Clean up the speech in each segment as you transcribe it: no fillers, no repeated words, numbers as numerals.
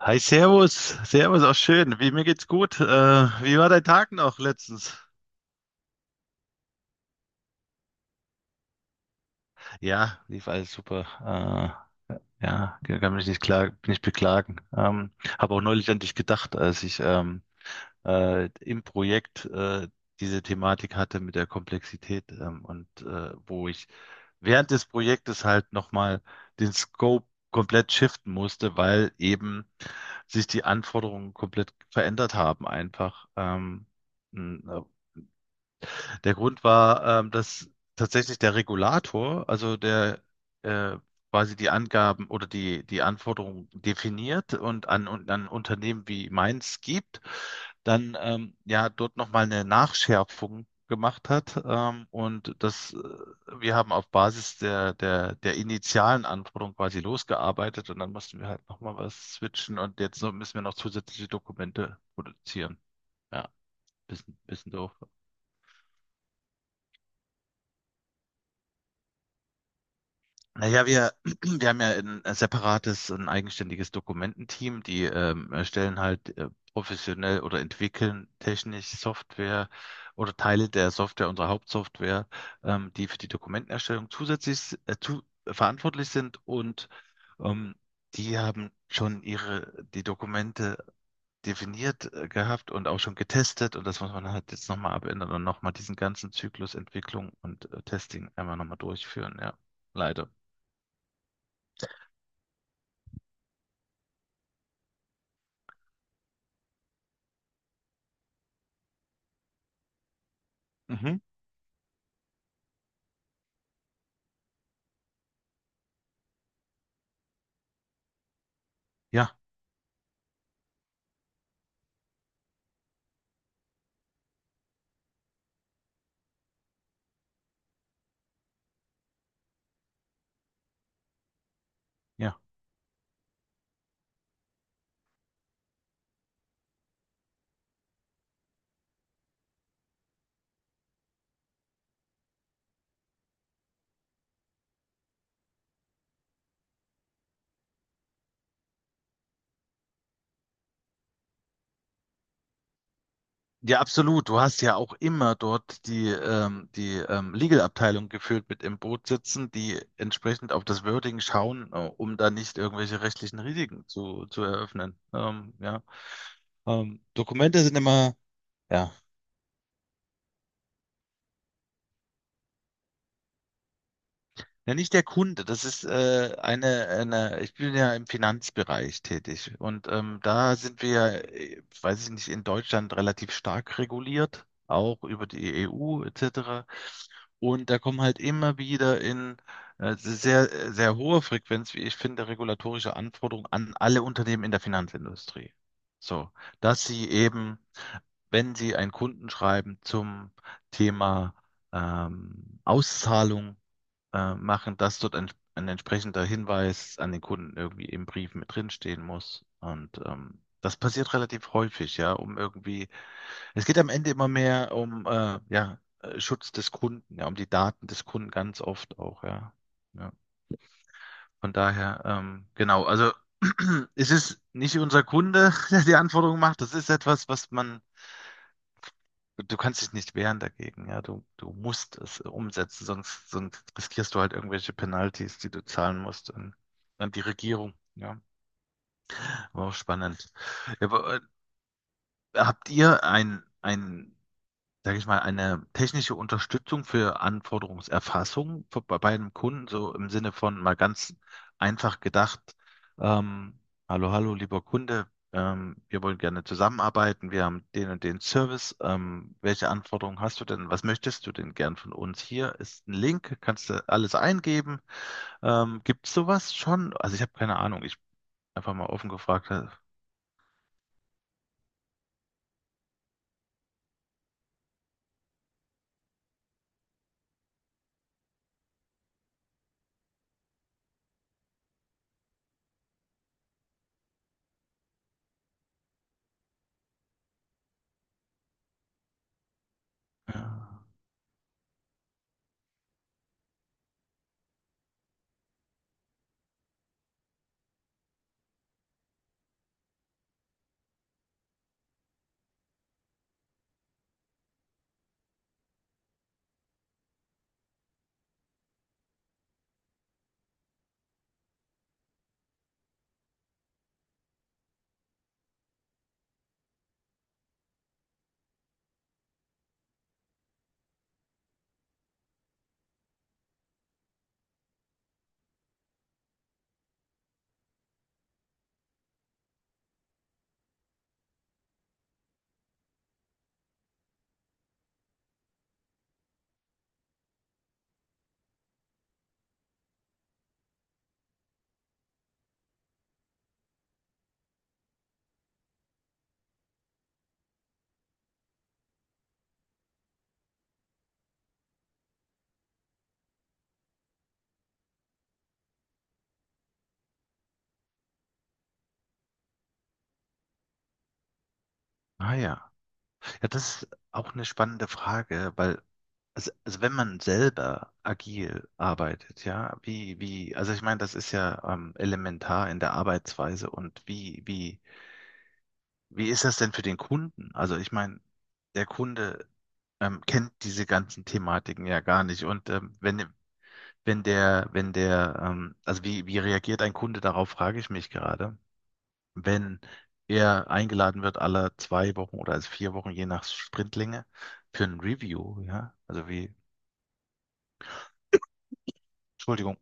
Hi, Servus. Servus, auch schön. Mir geht's gut. Wie war dein Tag noch letztens? Ja, lief alles super. Ja, kann mich nicht klagen, nicht beklagen. Habe auch neulich an dich gedacht, als ich im Projekt diese Thematik hatte mit der Komplexität und wo ich während des Projektes halt nochmal den Scope komplett shiften musste, weil eben sich die Anforderungen komplett verändert haben einfach. Der Grund war, dass tatsächlich der Regulator, also der äh, quasi die Angaben oder die Anforderungen definiert und und an Unternehmen wie meins gibt, dann ja dort nochmal eine Nachschärfung gemacht hat. Wir haben auf Basis der initialen Anforderung quasi losgearbeitet und dann mussten wir halt nochmal was switchen und jetzt so müssen wir noch zusätzliche Dokumente produzieren. Ja, bisschen doof. Naja, wir haben ja ein separates, ein eigenständiges Dokumententeam, die erstellen halt professionell oder entwickeln technisch Software oder Teile der Software, unserer Hauptsoftware, die für die Dokumentenerstellung zusätzlich verantwortlich sind und ähm, die haben schon die Dokumente definiert gehabt und auch schon getestet und das muss man halt jetzt nochmal abändern und nochmal diesen ganzen Zyklus Entwicklung und Testing einmal nochmal durchführen, ja, leider. Mhm. Ja, ja. Ja, absolut. Du hast ja auch immer dort die Legal-Abteilung geführt mit im Boot sitzen, die entsprechend auf das Wording schauen, um da nicht irgendwelche rechtlichen Risiken zu eröffnen. Ja. Dokumente sind immer. Ja, ja, nicht der Kunde. Das ist eine, ich bin ja im Finanzbereich tätig und da sind wir, ja, weiß ich nicht, in Deutschland relativ stark reguliert, auch über die EU etc. Und da kommen halt immer wieder in sehr, sehr hohe Frequenz, wie ich finde, regulatorische Anforderungen an alle Unternehmen in der Finanzindustrie. So, dass sie eben, wenn sie ein Kundenschreiben zum Thema Auszahlung machen, dass dort ein entsprechender Hinweis an den Kunden irgendwie im Brief mit drinstehen muss. Und das passiert relativ häufig, ja, um irgendwie es geht am Ende immer mehr um ja, Schutz des Kunden, ja, um die Daten des Kunden ganz oft auch, ja. Ja. Von daher, genau, also es ist nicht unser Kunde, der die Anforderungen macht. Das ist etwas, du kannst dich nicht wehren dagegen, ja. Du musst es umsetzen, sonst riskierst du halt irgendwelche Penalties, die du zahlen musst an, an die Regierung, ja. War auch spannend. Ja, aber, habt ihr ein sage ich mal, eine technische Unterstützung für Anforderungserfassung für, bei bei einem Kunden, so im Sinne von mal ganz einfach gedacht, ähm, hallo, hallo, lieber Kunde, wir wollen gerne zusammenarbeiten, wir haben den und den Service, welche Anforderungen hast du denn, was möchtest du denn gern von uns? Hier ist ein Link, kannst du alles eingeben. Gibt es sowas schon? Also ich habe keine Ahnung, ich einfach mal offen gefragt. Ja. Ah ja. Ja, das ist auch eine spannende Frage, also wenn man selber agil arbeitet, ja, also ich meine, das ist ja elementar in der Arbeitsweise und wie ist das denn für den Kunden? Also ich meine, der Kunde kennt diese ganzen Thematiken ja gar nicht und wenn, wenn der, wenn der, also wie reagiert ein Kunde darauf, frage ich mich gerade, wenn er eingeladen wird, alle 2 Wochen oder also 4 Wochen, je nach Sprintlänge, für ein Review, ja. Entschuldigung.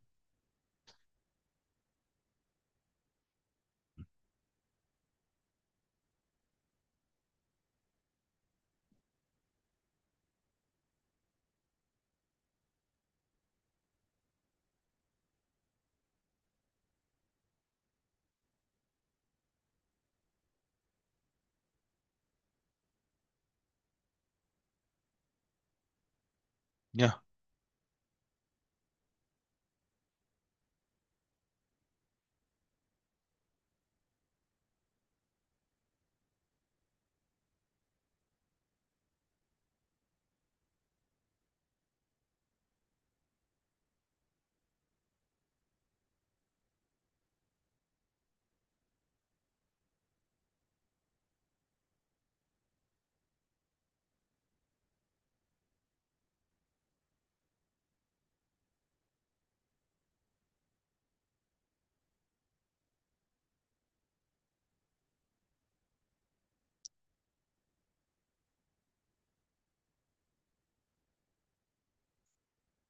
Ja,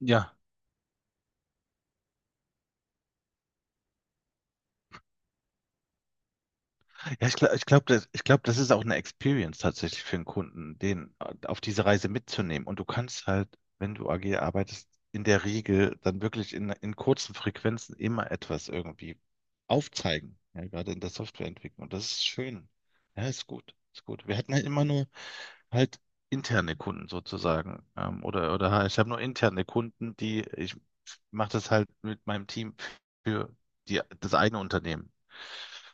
ja. Ja, ich glaub, das ist auch eine Experience tatsächlich für einen Kunden, den auf diese Reise mitzunehmen. Und du kannst halt, wenn du agil arbeitest, in der Regel dann wirklich in kurzen Frequenzen immer etwas irgendwie aufzeigen, ja, gerade in der Softwareentwicklung. Und das ist schön. Ja, ist gut, ist gut. Wir hatten halt immer nur halt interne Kunden sozusagen. Oder ich habe nur interne Kunden, die ich mache das halt mit meinem Team für das eigene Unternehmen.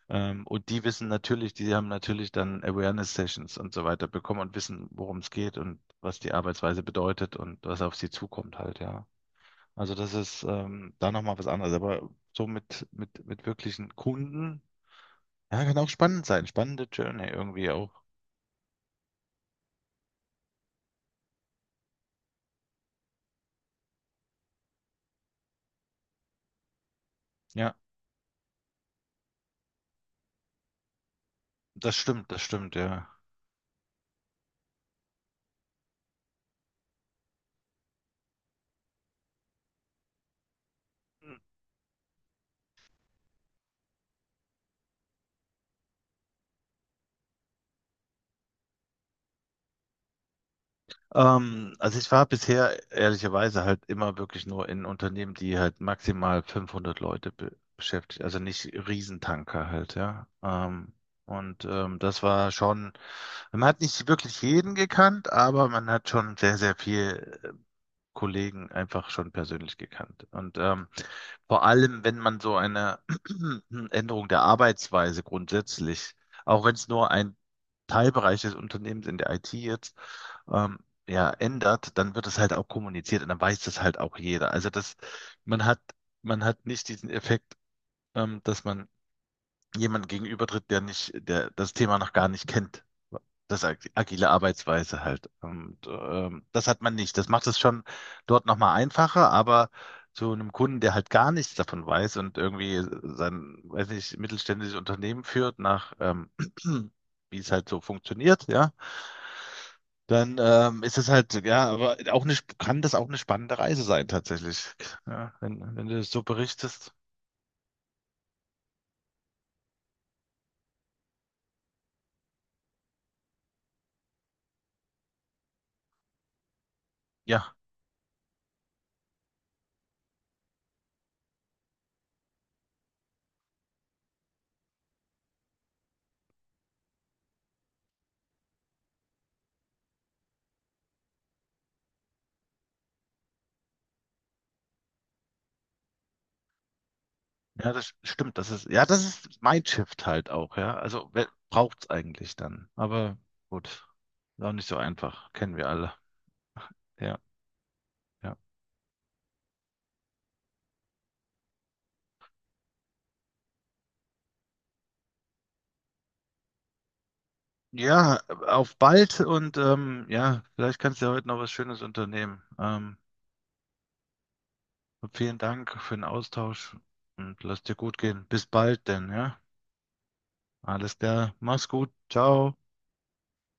Und die haben natürlich dann Awareness-Sessions und so weiter bekommen und wissen, worum es geht und was die Arbeitsweise bedeutet und was auf sie zukommt halt, ja. Also das ist da nochmal was anderes. Aber so mit wirklichen Kunden, ja, kann auch spannend sein. Spannende Journey irgendwie auch. Ja, das stimmt, ja. Also ich war bisher ehrlicherweise halt immer wirklich nur in Unternehmen, die halt maximal 500 Leute be beschäftigt, also nicht Riesentanker halt, ja. Das war schon, man hat nicht wirklich jeden gekannt, aber man hat schon sehr, sehr viel Kollegen einfach schon persönlich gekannt. Und vor allem, wenn man so eine Änderung der Arbeitsweise grundsätzlich, auch wenn es nur ein Teilbereich des Unternehmens in der IT jetzt, ähm, ja, ändert, dann wird es halt auch kommuniziert und dann weiß das halt auch jeder. Man hat, man hat nicht diesen Effekt, dass man jemand gegenübertritt, der nicht, der das Thema noch gar nicht kennt. Das agile Arbeitsweise halt. Und das hat man nicht. Das macht es schon dort nochmal einfacher, aber zu einem Kunden, der halt gar nichts davon weiß und irgendwie weiß nicht, mittelständisches Unternehmen führt nach, wie es halt so funktioniert, ja, dann ist es halt, ja, aber auch kann das auch eine spannende Reise sein tatsächlich, ja, wenn du das so berichtest. Ja. Ja, das stimmt. Das ist Mindshift halt auch, ja. Also, wer braucht's eigentlich dann? Aber gut, ist auch nicht so einfach. Kennen wir alle. Ja, ja. Ja, auf bald und ja, vielleicht kannst du ja heute noch was Schönes unternehmen. Vielen Dank für den Austausch und lass dir gut gehen. Bis bald denn, ja. Alles klar. Mach's gut. Ciao.